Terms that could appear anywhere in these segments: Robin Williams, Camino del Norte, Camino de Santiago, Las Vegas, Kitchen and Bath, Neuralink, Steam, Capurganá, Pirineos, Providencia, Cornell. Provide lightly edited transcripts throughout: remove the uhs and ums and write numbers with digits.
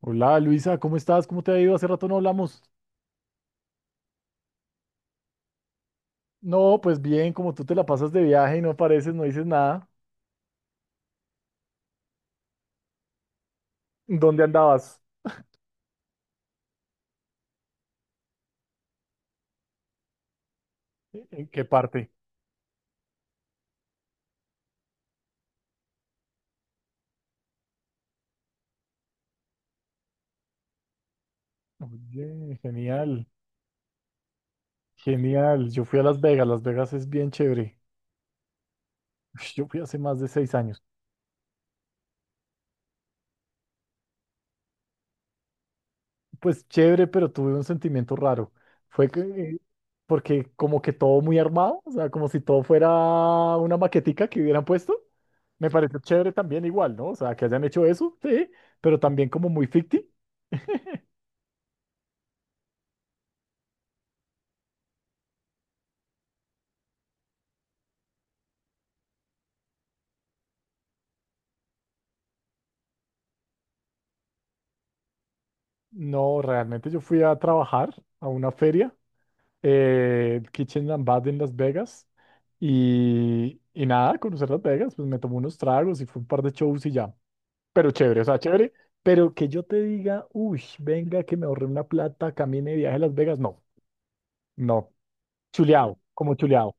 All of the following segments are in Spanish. Hola Luisa, ¿cómo estás? ¿Cómo te ha ido? Hace rato no hablamos. No, pues bien, como tú te la pasas de viaje y no apareces, no dices nada. ¿Dónde andabas? ¿En qué parte? Oye, genial, genial. Yo fui a Las Vegas, Las Vegas es bien chévere. Yo fui hace más de 6 años. Pues chévere, pero tuve un sentimiento raro. Fue que, porque como que todo muy armado, o sea, como si todo fuera una maquetica que hubieran puesto. Me pareció chévere también igual, ¿no? O sea, que hayan hecho eso, sí, pero también como muy ficti. No, realmente yo fui a trabajar a una feria, el Kitchen and Bath en Las Vegas, y nada, conocer Las Vegas, pues me tomé unos tragos y fue un par de shows y ya. Pero chévere, o sea, chévere, pero que yo te diga, uy, venga, que me ahorré una plata, camine de viaje a Las Vegas, no, no, chuleado, como chuleado.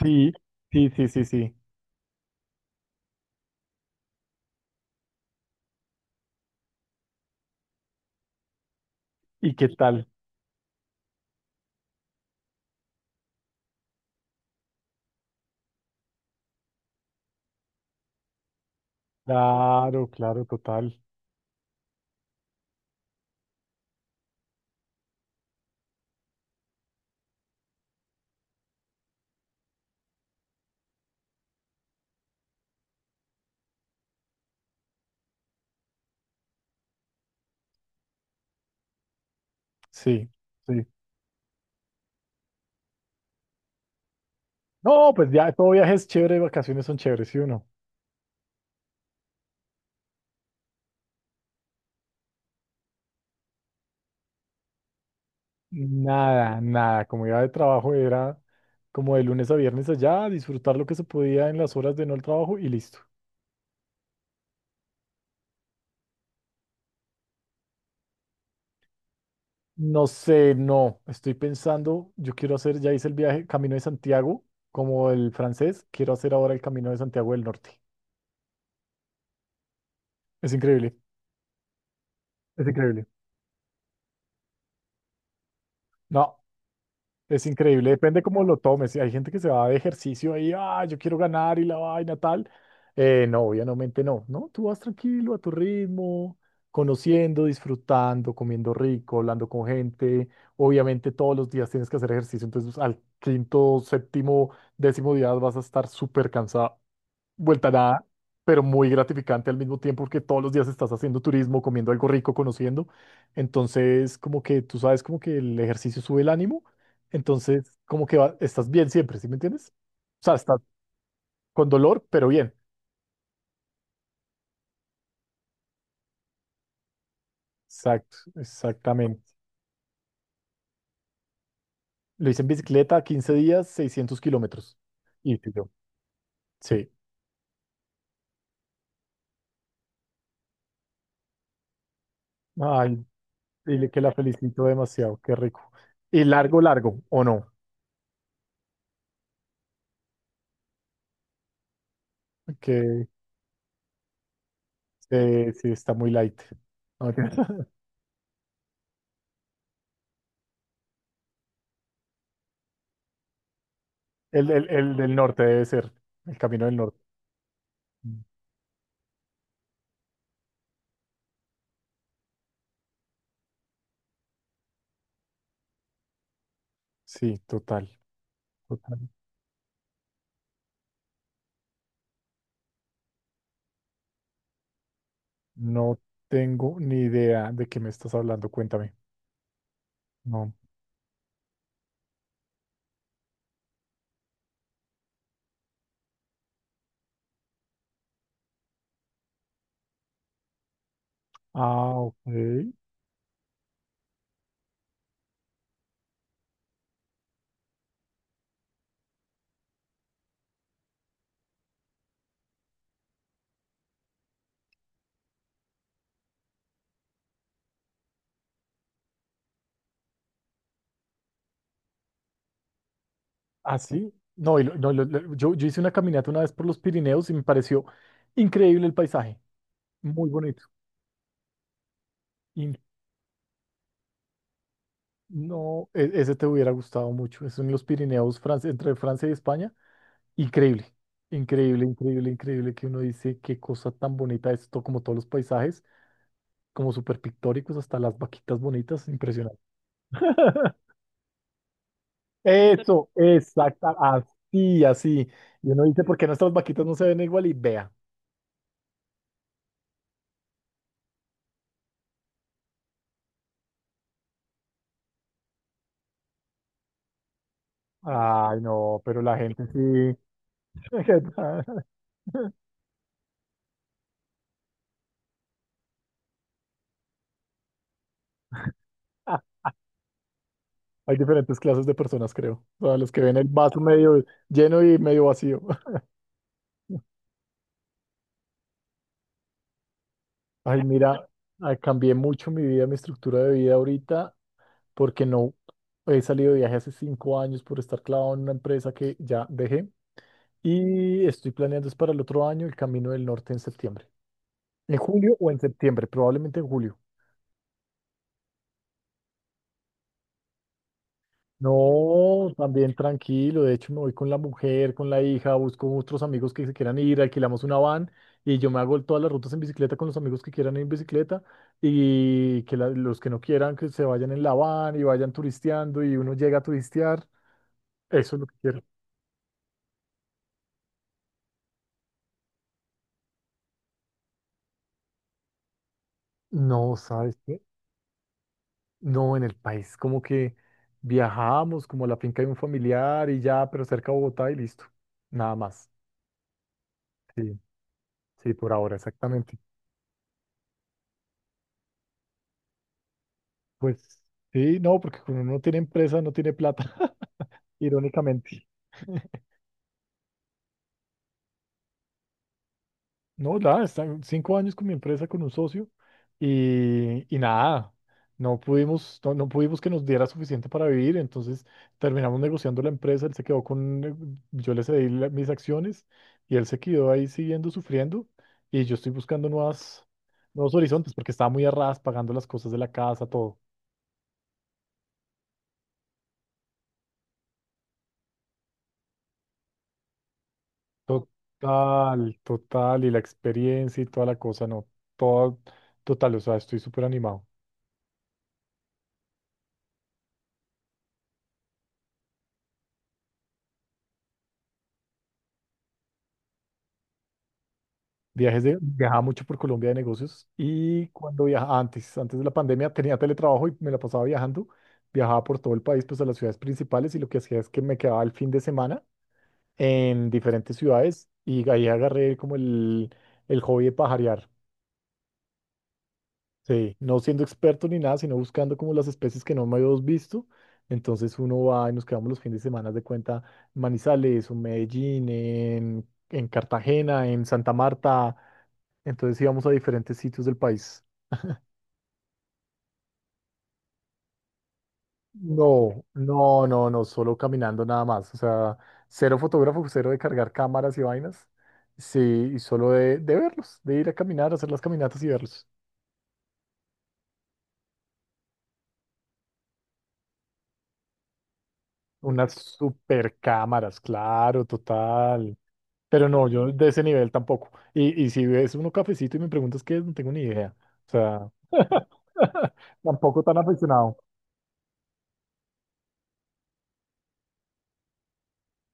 Sí, sí, sí, sí, sí. ¿Y qué tal? Claro, claro, total. Sí, sí. No, pues ya, todo viaje es chévere, vacaciones son chéveres, ¿sí o no? Nada, nada, como era de trabajo era como de lunes a viernes allá, disfrutar lo que se podía en las horas de no el trabajo y listo. No sé, no, estoy pensando, yo quiero hacer, ya hice el viaje Camino de Santiago, como el francés, quiero hacer ahora el Camino de Santiago del Norte. Es increíble, es increíble. No. Es increíble, depende cómo lo tomes. Si hay gente que se va de ejercicio ahí, ah, yo quiero ganar y la vaina tal. No, obviamente no, ¿no? Tú vas tranquilo a tu ritmo, conociendo, disfrutando, comiendo rico, hablando con gente. Obviamente todos los días tienes que hacer ejercicio, entonces al quinto, séptimo, décimo día vas a estar súper cansado vuelta a nada, pero muy gratificante al mismo tiempo porque todos los días estás haciendo turismo, comiendo algo rico, conociendo. Entonces, como que tú sabes, como que el ejercicio sube el ánimo. Entonces, como que estás bien siempre, ¿sí me entiendes? O sea, estás con dolor, pero bien. Exacto, exactamente. Lo hice en bicicleta, 15 días, 600 kilómetros. Y fui yo, sí. Ay, dile que la felicito demasiado, qué rico. Y largo, largo, ¿o no? Que sí, está muy light. Ok. El del norte debe ser, el camino del norte. Mm. Sí, total, total. No tengo ni idea de qué me estás hablando, cuéntame. No. Ah, ok. Ah, sí. No, y no, yo hice una caminata una vez por los Pirineos y me pareció increíble el paisaje, muy bonito. Y no, ese te hubiera gustado mucho. Es en los Pirineos, Francia, entre Francia y España. Increíble, increíble, increíble, increíble que uno dice qué cosa tan bonita esto, como todos los paisajes. Como súper pictóricos, hasta las vaquitas bonitas, impresionante. Eso, exacta, así, así. Y uno dice, ¿por qué nuestras vaquitas no se ven igual? Y vea. Ay, no, pero la gente sí. Hay diferentes clases de personas, creo. O sea, los que ven el vaso medio lleno y medio vacío. Ay, mira, ah, cambié mucho mi vida, mi estructura de vida ahorita, porque no he salido de viaje hace 5 años por estar clavado en una empresa que ya dejé. Y estoy planeando es para el otro año el Camino del Norte en septiembre. En julio o en septiembre, probablemente en julio. No, también tranquilo. De hecho, me voy con la mujer, con la hija, busco otros amigos que se quieran ir, alquilamos una van y yo me hago todas las rutas en bicicleta con los amigos que quieran ir en bicicleta y que los que no quieran que se vayan en la van y vayan turisteando y uno llega a turistear. Eso es lo que quiero. No, ¿sabes qué? No, en el país, como que viajamos como a la finca de un familiar y ya, pero cerca de Bogotá y listo. Nada más. Sí, sí, por ahora, exactamente. Pues sí, no, porque cuando uno tiene empresa no tiene plata, irónicamente. No, nada, están 5 años con mi empresa, con un socio, y nada, no pudimos que nos diera suficiente para vivir, entonces terminamos negociando la empresa, él se quedó con, yo le cedí mis acciones y él se quedó ahí siguiendo sufriendo y yo estoy buscando nuevas, nuevos horizontes porque estaba muy a ras pagando las cosas de la casa, todo. Total, total, y la experiencia y toda la cosa, no, todo, total, o sea, estoy súper animado. Viajaba mucho por Colombia de negocios y cuando viajaba antes de la pandemia tenía teletrabajo y me la pasaba viajando, viajaba por todo el país, pues a las ciudades principales y lo que hacía es que me quedaba el fin de semana en diferentes ciudades y ahí agarré como el hobby de pajarear. Sí, no siendo experto ni nada, sino buscando como las especies que no me habíamos visto. Entonces uno va y nos quedamos los fines de semana de cuenta en Manizales, en Medellín, en Cartagena, en Santa Marta. Entonces íbamos a diferentes sitios del país. No, no, no, no, solo caminando nada más. O sea, cero fotógrafo, cero de cargar cámaras y vainas. Sí, y solo de verlos, de ir a caminar, hacer las caminatas y verlos. Unas super cámaras, claro, total. Pero no, yo de ese nivel tampoco. Y si ves uno cafecito y me preguntas qué es, no tengo ni idea. O sea, tampoco tan aficionado.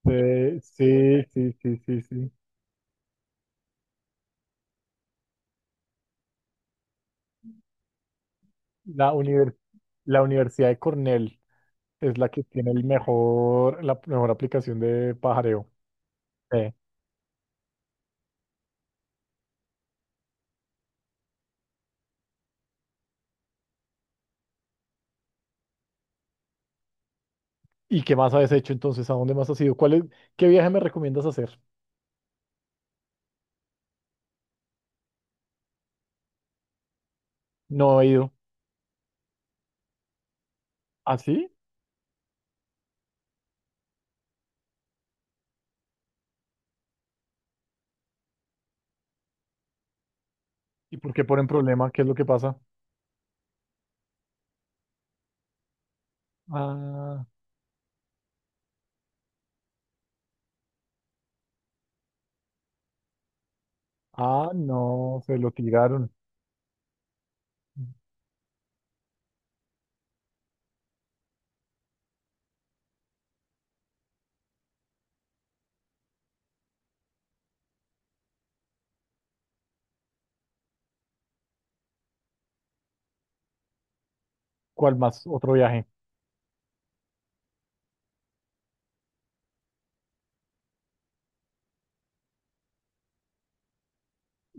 Sí, sí, sí, sí, sí. La univers la Universidad de Cornell es la que tiene el mejor, la mejor aplicación de pajareo. Eh, ¿Y qué más has hecho entonces? ¿A dónde más has ido? ¿Cuál es, qué viaje me recomiendas hacer? No he ido. ¿Ah, sí? ¿Y por qué ponen problema? ¿Qué es lo que pasa? Ah, no, se lo tiraron. ¿Cuál más? ¿Otro viaje?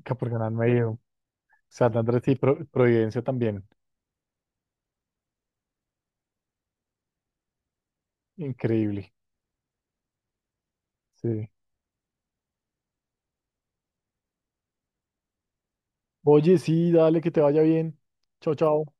Capurganá me dijo. San Andrés y Pro- Providencia también. Increíble. Sí. Oye, sí, dale, que te vaya bien. Chao, chao.